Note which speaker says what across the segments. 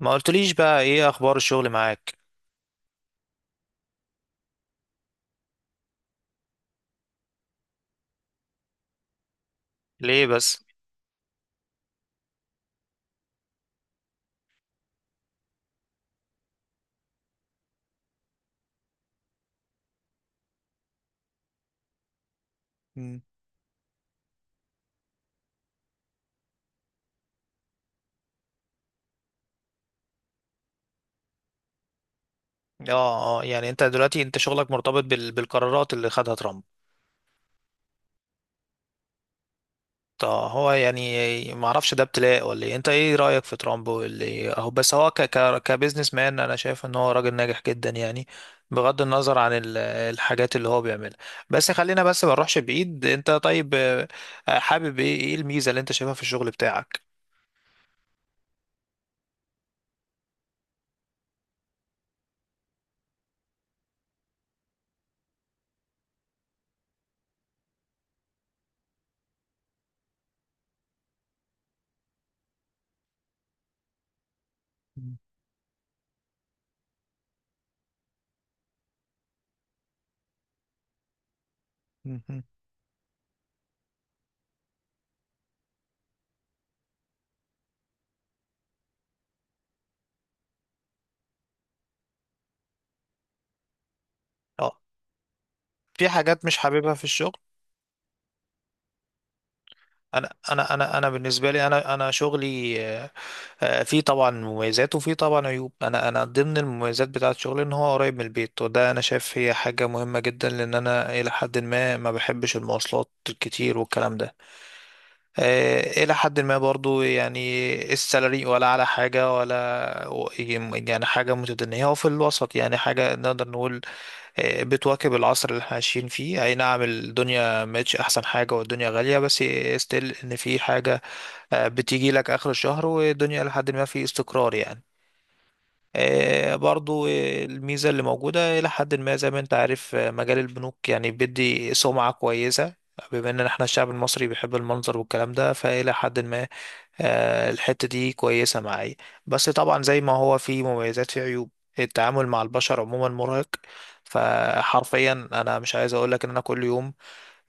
Speaker 1: ما قلتليش بقى ايه اخبار الشغل معاك؟ ليه بس؟ مم. اه اه، يعني انت دلوقتي انت شغلك مرتبط بالقرارات اللي خدها ترامب. طب هو يعني ما اعرفش ده ابتلاء ولا ايه؟ انت ايه رايك في ترامب واللي اهو؟ بس هو كبزنس مان انا شايف ان هو راجل ناجح جدا يعني، بغض النظر عن الحاجات اللي هو بيعملها. بس خلينا بس ما نروحش بعيد. انت طيب، حابب ايه؟ ايه الميزه اللي انت شايفها في الشغل بتاعك؟ مم. مم. اه، في حاجات مش حاببها في الشغل؟ انا بالنسبه لي، انا شغلي فيه طبعا مميزات وفيه طبعا عيوب. انا ضمن المميزات بتاعه شغلي ان هو قريب من البيت، وده انا شايف هي حاجه مهمه جدا، لان انا الى حد ما ما بحبش المواصلات الكتير والكلام ده. الى حد ما برضو، يعني السالري ولا على حاجه ولا، يعني حاجه متدنيه، هو في الوسط، يعني حاجه نقدر نقول بتواكب العصر اللي احنا عايشين فيه. اي نعم الدنيا مش احسن حاجة، والدنيا غالية، بس ستيل ان في حاجة بتيجي لك اخر الشهر، والدنيا لحد ما في استقرار يعني. آه، برضو آه، الميزة اللي موجودة إلى حد ما، زي ما أنت عارف، مجال البنوك يعني بيدي سمعة كويسة، بما إن إحنا الشعب المصري بيحب المنظر والكلام ده، فإلى حد ما الحتة دي كويسة معايا. بس طبعا زي ما هو في مميزات، في عيوب. التعامل مع البشر عموما مرهق، فحرفيا انا مش عايز اقولك ان انا كل يوم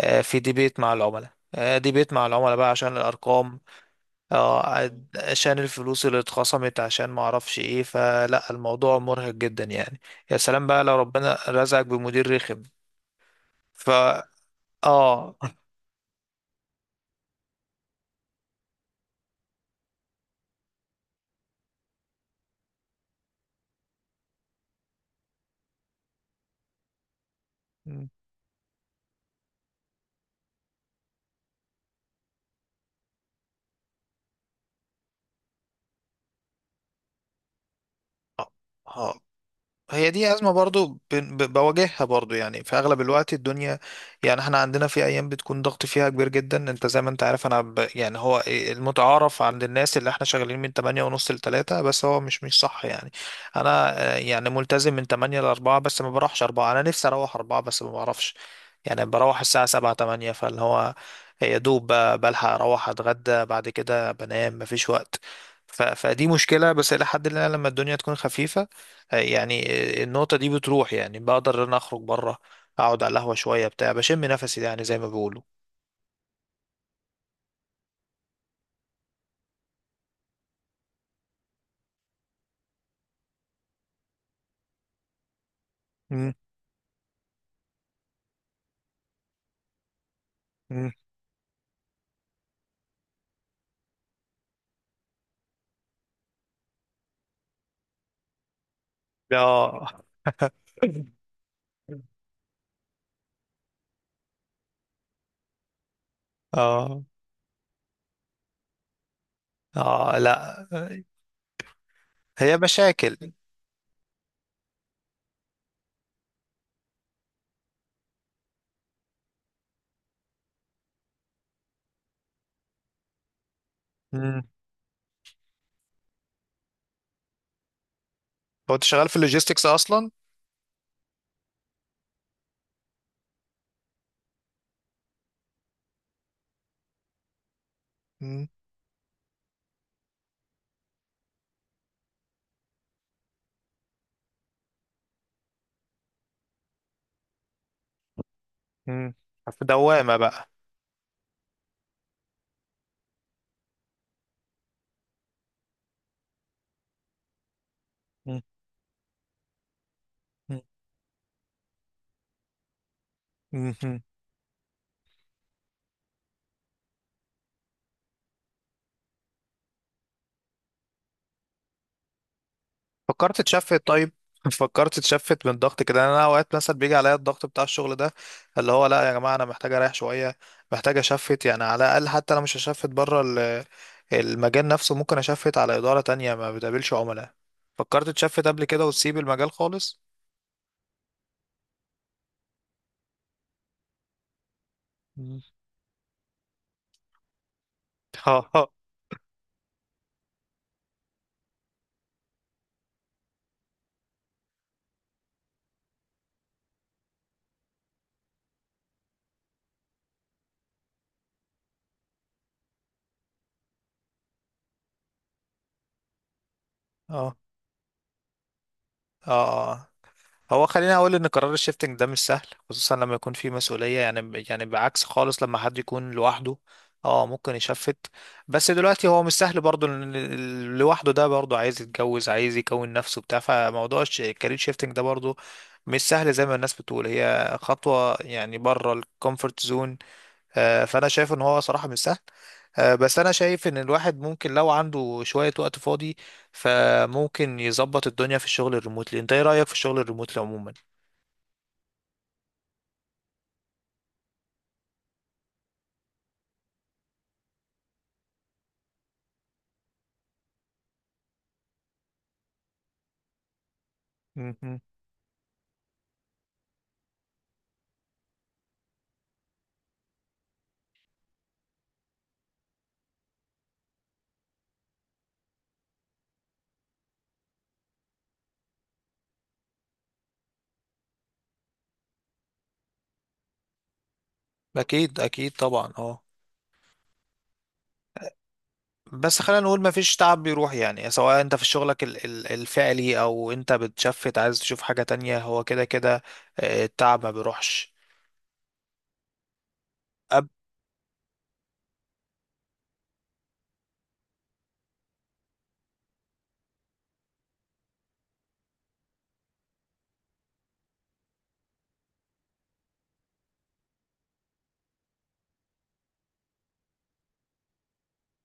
Speaker 1: في ديبيت مع العملاء، ديبيت مع العملاء بقى عشان الارقام، آه، مم. عشان الفلوس اللي اتخصمت، عشان ما اعرفش ايه، فلا الموضوع مرهق جدا يعني. يا سلام بقى لو ربنا رزقك بمدير رخم. ف اه. آه. هي دي أزمة برضو بواجهها برضو، يعني في أغلب الوقت الدنيا. يعني احنا عندنا في أيام بتكون ضغط فيها كبير جدا، انت زي ما انت عارف. أنا يعني هو إيه، المتعارف عند الناس اللي احنا شغالين من 8 ونص ل 3، بس هو مش صح يعني. أنا يعني ملتزم من 8 ل 4، بس ما بروحش 4. أنا نفسي أروح 4 بس ما بعرفش. يعني بروح الساعة 7، 8، فاللي هو يا دوب بلحق أروح أتغدى، بعد كده بنام، مفيش وقت. ف... فدي مشكلة، بس إلى حد ما لما الدنيا تكون خفيفة يعني النقطة دي بتروح، يعني بقدر ان أنا اخرج بره، اقعد على القهوة شوية بتاع، بشم نفسي يعني زي ما بيقولوا. مم. مم. اه. اه. اه. لا، هي مشاكل. مم. هو انت شغال في اللوجيستكس اصلا؟ مم. مم. في دوامة بقى؟ مم. مم. فكرت تشفت طيب؟ فكرت تشفت من الضغط كده يعني؟ انا اوقات مثلا بيجي عليا الضغط بتاع الشغل ده، اللي هو لا يا جماعه انا محتاج اريح شويه، محتاج اشفت، يعني على الاقل حتى انا مش هشفت بره المجال نفسه، ممكن اشفت على اداره تانية ما بتقابلش عملاء. فكرت تشفت قبل كده وتسيب المجال خالص؟ مم. اه. اه. اه. هو خليني اقول ان قرار الشيفتنج ده مش سهل، خصوصا لما يكون في مسؤوليه، يعني يعني بعكس خالص لما حد يكون لوحده، اه ممكن يشفت. بس دلوقتي هو مش سهل برضه، لأن لوحده ده برضه عايز يتجوز، عايز يكون نفسه بتاع، فموضوع الكارير شيفتنج ده برضه مش سهل زي ما الناس بتقول، هي خطوه يعني بره الكومفورت زون. فانا شايف ان هو صراحة مش سهل. بس انا شايف ان الواحد ممكن لو عنده شوية وقت فاضي فممكن يظبط الدنيا في الشغل الريموتلي. انت ايه رأيك في الشغل الريموتلي عموما؟ مهم. اكيد اكيد طبعا. اه، بس خلينا نقول ما فيش تعب بيروح، يعني سواء انت في شغلك الفعلي، او انت بتشفت عايز تشوف حاجة تانية، هو كده كده التعب ما بيروحش. أب...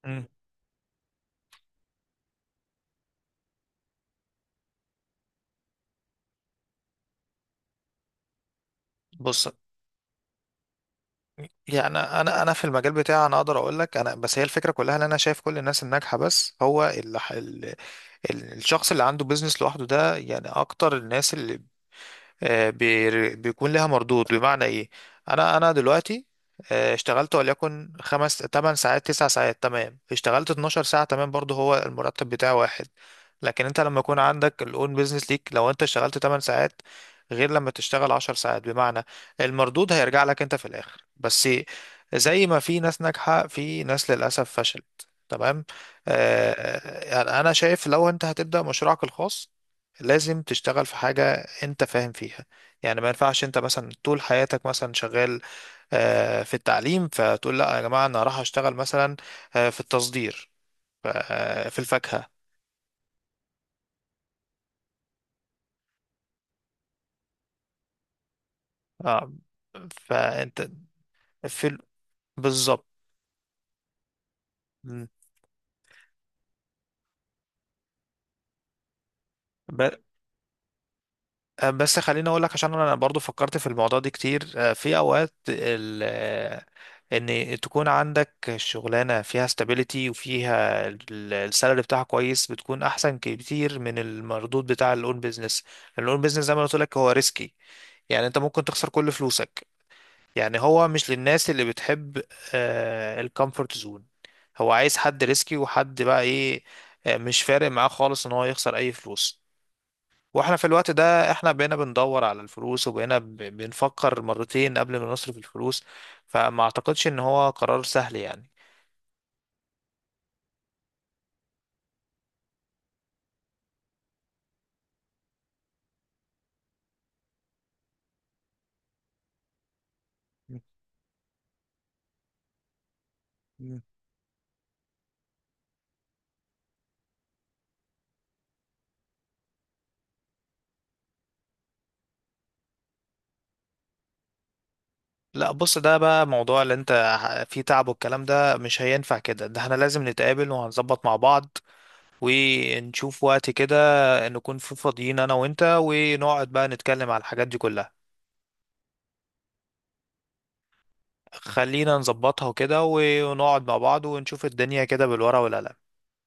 Speaker 1: مم. بص، يعني انا في المجال بتاعي انا اقدر اقول لك، انا بس هي الفكرة كلها ان انا شايف كل الناس الناجحة. بس هو الشخص اللي عنده بيزنس لوحده ده، يعني اكتر الناس اللي بيكون لها مردود. بمعنى ايه؟ انا دلوقتي اشتغلت وليكن 5 8 ساعات، 9 ساعات، تمام. اشتغلت 12 ساعة، تمام، برضه هو المرتب بتاعه واحد. لكن انت لما يكون عندك الاون بيزنس ليك، لو انت اشتغلت 8 ساعات غير لما تشتغل 10 ساعات، بمعنى المردود هيرجع لك انت في الاخر. بس زي ما في ناس ناجحة، في ناس للأسف فشلت، تمام. يعني انا شايف لو انت هتبدأ مشروعك الخاص لازم تشتغل في حاجة انت فاهم فيها. يعني ما ينفعش انت مثلا طول حياتك مثلا شغال في التعليم، فتقول لا يا جماعة انا راح اشتغل مثلا في التصدير، في الفاكهة. آه، فانت في بالظبط. م. ب- بس خليني اقول لك، عشان انا برضو فكرت في الموضوع ده كتير. في اوقات ال آه، ان تكون عندك شغلانه فيها استابيليتي وفيها السالري بتاعها كويس، بتكون احسن كتير من المردود بتاع الاون بيزنس. الاون بيزنس زي ما قلت لك هو ريسكي، يعني انت ممكن تخسر كل فلوسك، يعني هو مش للناس اللي بتحب الكومفورت زون. هو عايز حد ريسكي، وحد بقى ايه مش فارق معاه خالص ان هو يخسر اي فلوس. واحنا في الوقت ده احنا بقينا بندور على الفلوس، وبقينا بنفكر مرتين قبل ما نصرف الفلوس. فما اعتقدش ان هو قرار سهل يعني. مم. لا، بص، ده بقى موضوع اللي انت فيه تعب، والكلام ده مش هينفع كده. ده احنا لازم نتقابل، وهنظبط مع بعض، ونشوف وقت كده نكون فاضيين انا وانت، ونقعد بقى نتكلم على الحاجات دي كلها. خلينا نظبطها وكده، ونقعد مع بعض، ونشوف الدنيا كده بالورقة والقلم.